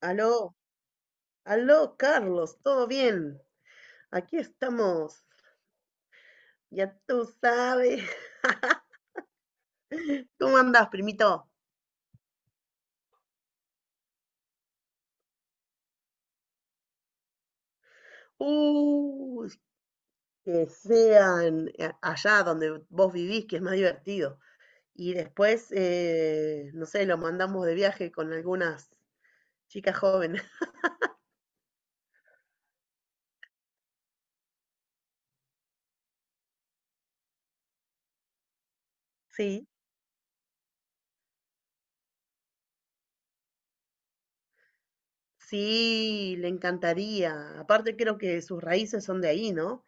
Aló, aló, Carlos, ¿todo bien? Aquí estamos. Ya tú sabes. ¿Cómo andas, primito? Uy, que sean allá donde vos vivís, que es más divertido. Y después, no sé, lo mandamos de viaje con algunas chicas jóvenes. Sí, sí, le encantaría. Aparte creo que sus raíces son de ahí, ¿no?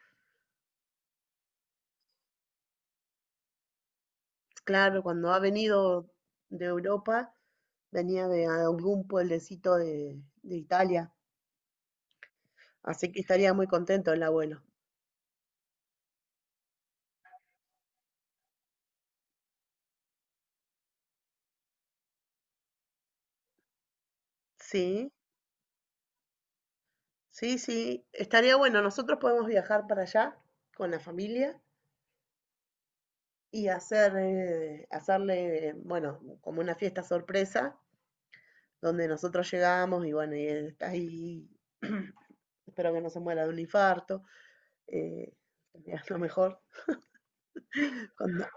Claro, cuando ha venido de Europa, venía de algún pueblecito de Italia, así que estaría muy contento el abuelo. Sí, sí, sí, estaría bueno. Nosotros podemos viajar para allá con la familia y hacer, hacerle, bueno, como una fiesta sorpresa, donde nosotros llegamos y bueno, y él está ahí, espero que no se muera de un infarto, eh, sería lo mejor. Cuando-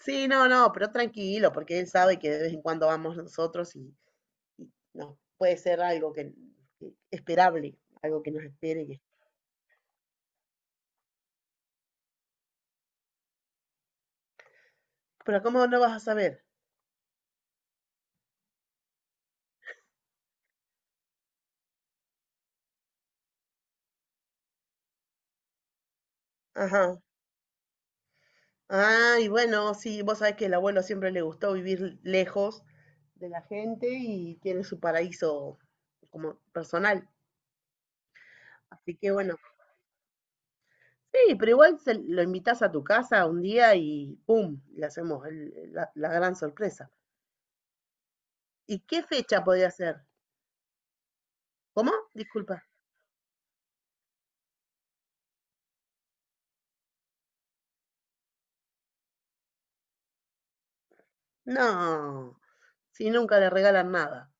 Sí, no, no, pero tranquilo, porque él sabe que de vez en cuando vamos nosotros y, no, puede ser algo que esperable, algo que nos espere. Pero ¿cómo no vas a saber? Ajá. Ah, y bueno, sí, vos sabés que el abuelo siempre le gustó vivir lejos de la gente y tiene su paraíso como personal. Así que bueno, sí, pero igual se lo invitás a tu casa un día y ¡pum! Le hacemos la, la gran sorpresa. ¿Y qué fecha podría ser? ¿Cómo? Disculpa. No, si nunca le regalan nada.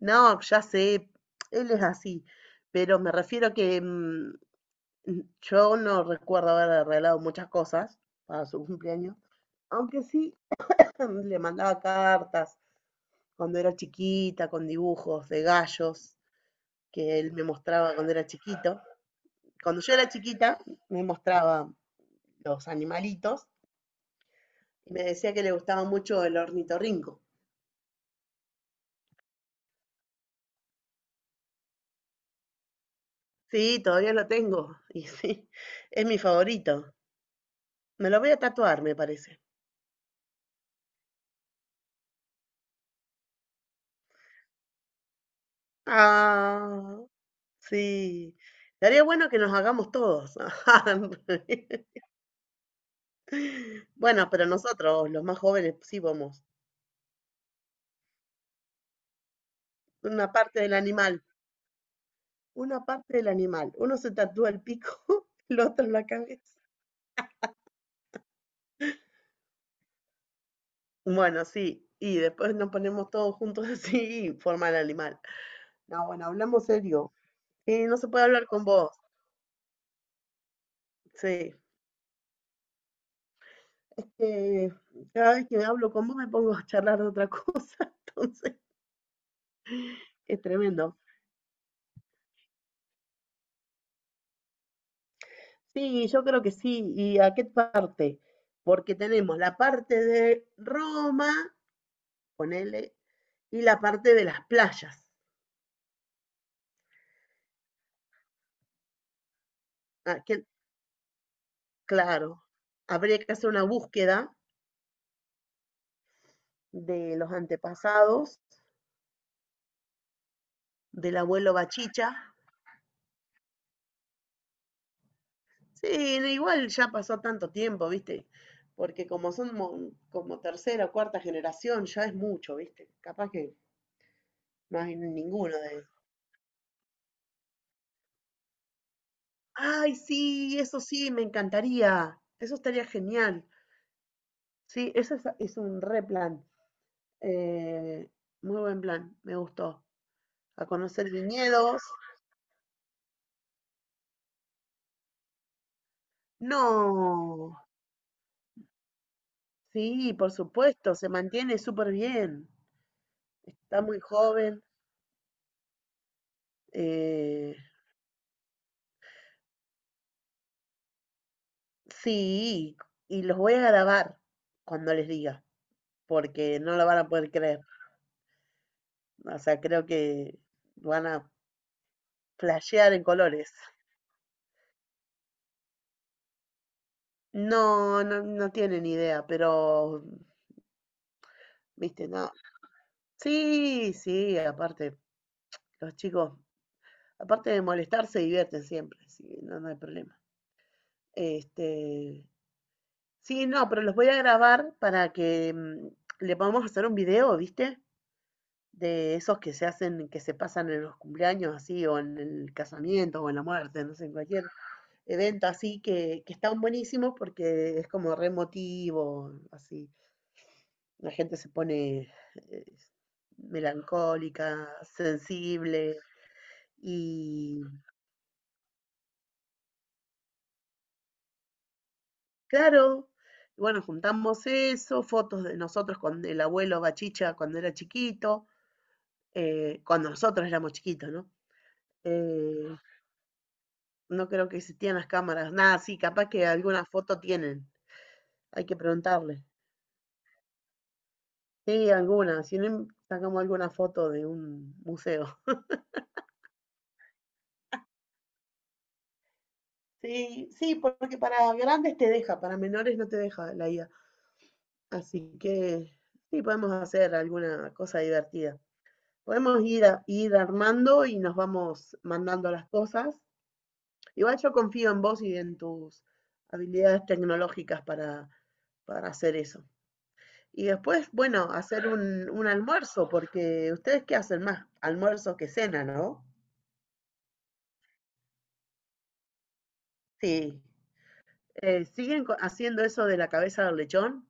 No, ya sé, él es así, pero me refiero que yo no recuerdo haber regalado muchas cosas para su cumpleaños, aunque sí le mandaba cartas cuando era chiquita, con dibujos de gallos que él me mostraba cuando era chiquito. Cuando yo era chiquita, me mostraba los animalitos y me decía que le gustaba mucho el ornitorrinco. Sí, todavía lo tengo y sí, es mi favorito. Me lo voy a tatuar, me parece. Ah, sí. Estaría bueno que nos hagamos todos. Bueno, pero nosotros, los más jóvenes, sí vamos. Una parte del animal, una parte del animal. Uno se tatúa el pico, el otro la cabeza. Bueno, sí. Y después nos ponemos todos juntos así y forma el animal. No, bueno, hablamos serio. No se puede hablar con vos. Sí. Eh, cada vez que hablo con vos me pongo a charlar de otra cosa. Entonces, es tremendo. Sí, yo creo que sí. ¿Y a qué parte? Porque tenemos la parte de Roma, ponele, y la parte de las playas. Ah, que- claro, habría que hacer una búsqueda de los antepasados, del abuelo Bachicha. Sí, no, igual ya pasó tanto tiempo, ¿viste? Porque como son como tercera o cuarta generación, ya es mucho, ¿viste? Capaz que no hay ninguno de... Ay, sí, eso sí, me encantaría. Eso estaría genial. Sí, eso es un re plan. Eh, muy buen plan, me gustó. A conocer viñedos. No, sí, por supuesto, se mantiene súper bien. Está muy joven. Eh, sí, y los voy a grabar cuando les diga, porque no lo van a poder creer. O sea, creo que van a flashear en colores. No, no, no tienen idea, pero, viste, no. Sí, sí, aparte, los chicos aparte de molestar, se divierten siempre, así no, no hay problema. Este, sí, no, pero los voy a grabar para que le podamos hacer un video, ¿viste? De esos que se hacen, que se pasan en los cumpleaños así, o en el casamiento, o en la muerte, no sé, en cualquier evento así, que están buenísimos porque es como re emotivo, así. La gente se pone melancólica, sensible, y claro. Bueno, juntamos eso, fotos de nosotros con el abuelo Bachicha cuando era chiquito, cuando nosotros éramos chiquitos, ¿no? Eh, no creo que existían las cámaras, nada, sí, capaz que alguna foto tienen, hay que preguntarle. Sí, alguna, si no, sacamos alguna foto de un museo. Sí, sí, porque para grandes te deja, para menores no te deja la IA. Así que sí, podemos hacer alguna cosa divertida. Podemos ir, ir armando y nos vamos mandando las cosas. Igual yo confío en vos y en tus habilidades tecnológicas para hacer eso. Y después, bueno, hacer un almuerzo, porque ustedes qué hacen más, almuerzo que cena, ¿no? Sí. ¿Siguen haciendo eso de la cabeza del lechón?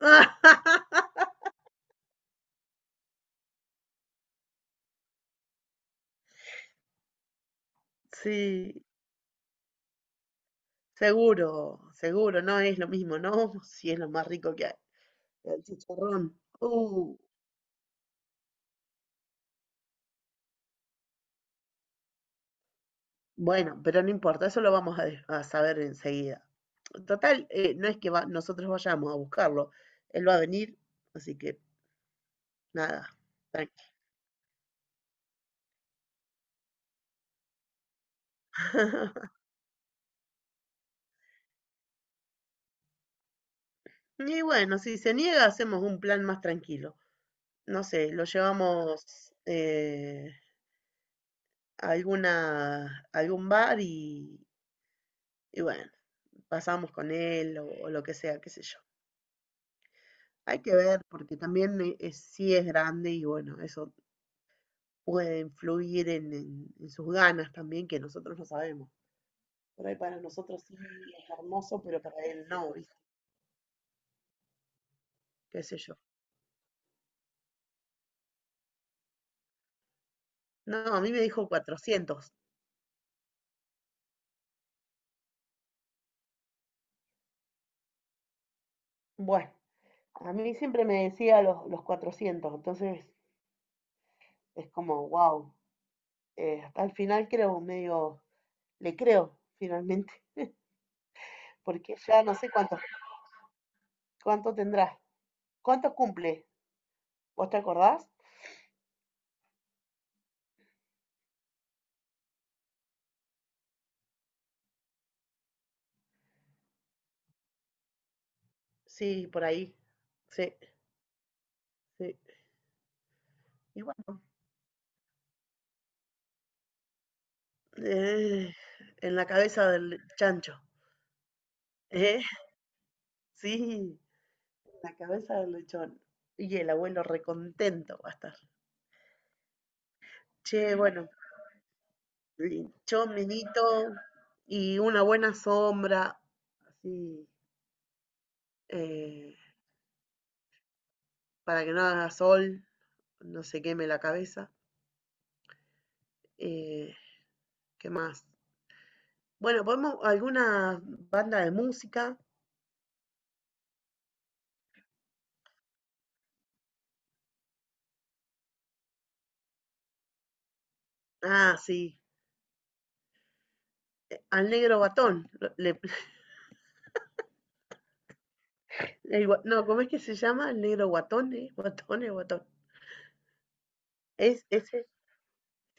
Sí, seguro, seguro, no es lo mismo, ¿no? Sí, es lo más rico que hay. El chicharrón. Bueno, pero no importa, eso lo vamos a, a saber enseguida. Total, no es que nosotros vayamos a buscarlo, él va a venir, así que nada, tranqui. Y bueno, si se niega, hacemos un plan más tranquilo. No sé, lo llevamos a alguna, a algún bar y bueno, pasamos con él o lo que sea, qué sé yo. Hay que ver, porque también sí es grande y bueno, eso puede influir en, en sus ganas también, que nosotros no sabemos. Por ahí para nosotros sí es hermoso, pero para él no, ¿viste? Qué sé yo. No, a mí me dijo 400. Bueno, a mí siempre me decía los 400, entonces es como, wow, hasta el final creo, medio, le creo finalmente, porque ya no sé cuánto, cuánto tendrá, cuánto cumple, ¿vos te acordás? Sí, por ahí. Sí, sí. Y bueno, eh, en la cabeza del chancho. ¿Eh? Sí, en la cabeza del lechón. Y el abuelo recontento va a estar. Che, bueno, lechón, minito y una buena sombra, así, eh, para que no haga sol, no se queme la cabeza. Eh, ¿Qué más? Bueno, podemos alguna banda de música. Ah, sí. Al negro guatón. No, ¿cómo es que se llama? El negro guatón, ¿eh? Guatón, el guatón. Es, ese,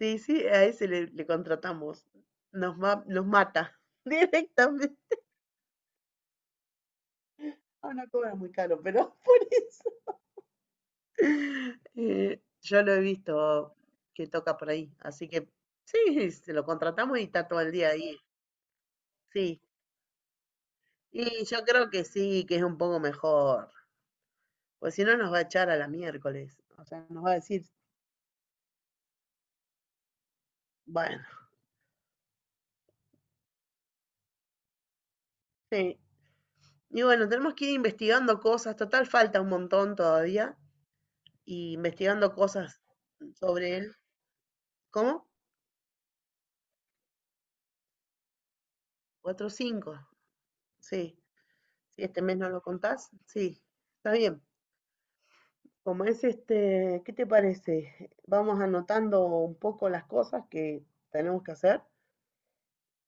sí, sí, a ese le, le contratamos. Nos, nos mata directamente. Ah, no cobra muy caro, pero por eso. Yo lo he visto que toca por ahí, así que sí, se lo contratamos y está todo el día ahí. Sí, y yo creo que sí, que es un poco mejor, pues si no nos va a echar a la miércoles, o sea, nos va a decir, bueno, sí. Y bueno, tenemos que ir investigando cosas, total falta un montón todavía, y investigando cosas sobre él. ¿Cómo? Cuatro, cinco. Sí. Si este mes no lo contás, sí. Está bien. Como es este, ¿qué te parece? Vamos anotando un poco las cosas que tenemos que hacer.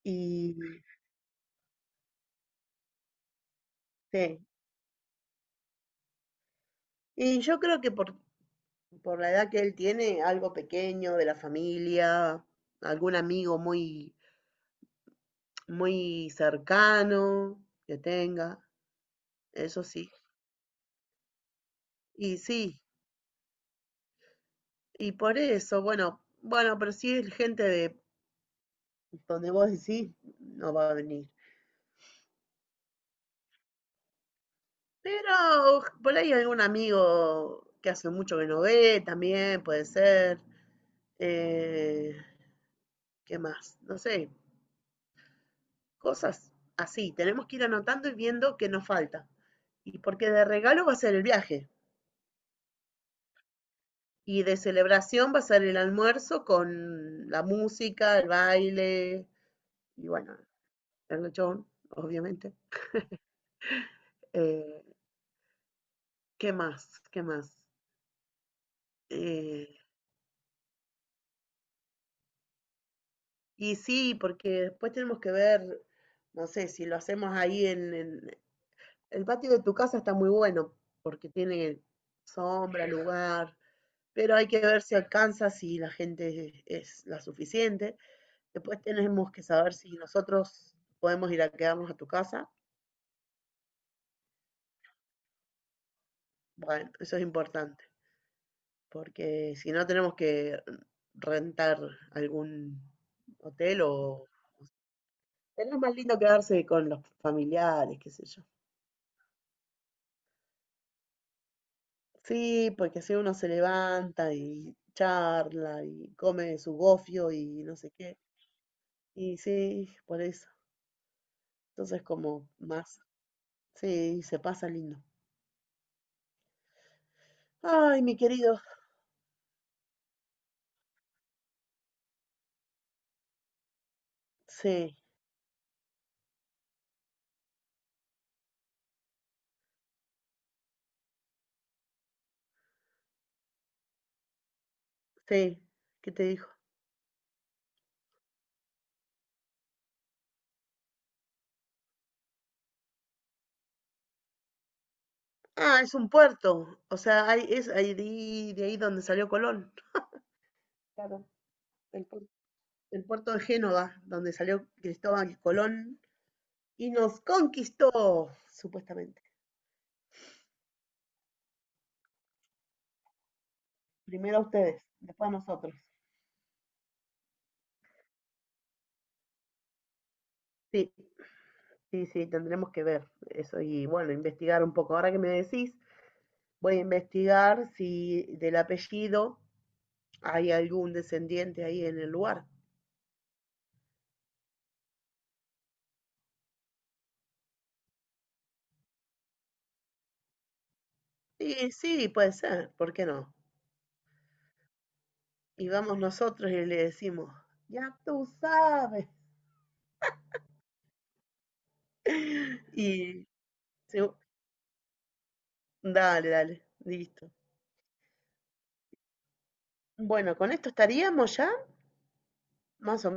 Y sí. Y yo creo que por la edad que él tiene, algo pequeño de la familia, algún amigo muy, muy cercano que tenga, eso sí. Y sí, y por eso, bueno, bueno, pero si es gente de donde vos decís, no va a venir. Pero por ahí algún amigo que hace mucho que no ve también puede ser. Eh, ¿Qué más? No sé, cosas así. Tenemos que ir anotando y viendo qué nos falta. Y porque de regalo va a ser el viaje. Y de celebración va a ser el almuerzo con la música, el baile y bueno, el lechón, obviamente. Eh, ¿Qué más? ¿Qué más? Eh, Y sí, porque después tenemos que ver, no sé, si lo hacemos ahí en, el patio de tu casa está muy bueno porque tiene sombra, lugar, pero hay que ver si alcanza, si la gente es la suficiente. Después tenemos que saber si nosotros podemos ir a quedarnos a tu casa. Bueno, eso es importante, porque si no tenemos que rentar algún hotel o... es más lindo quedarse con los familiares, qué sé yo. Sí, porque si uno se levanta y charla y come su gofio y no sé qué. Y sí, por eso. Entonces como más. Sí, se pasa lindo. Ay, mi querido. Sí, sí. ¿Qué te dijo? Ah, es un puerto. O sea, hay, es ahí de ahí donde salió Colón. Claro, el, puer- el puerto de Génova, donde salió Cristóbal Colón y nos conquistó, supuestamente. Primero a ustedes, después a nosotros. Sí. Sí, sí, tendremos que ver eso y bueno, investigar un poco. Ahora que me decís, voy a investigar si del apellido hay algún descendiente ahí en el lugar. Sí, sí, puede ser, ¿por qué no? Y vamos nosotros y le decimos, ya tú sabes. Y se- dale, dale, listo. Bueno, con esto estaríamos ya, más o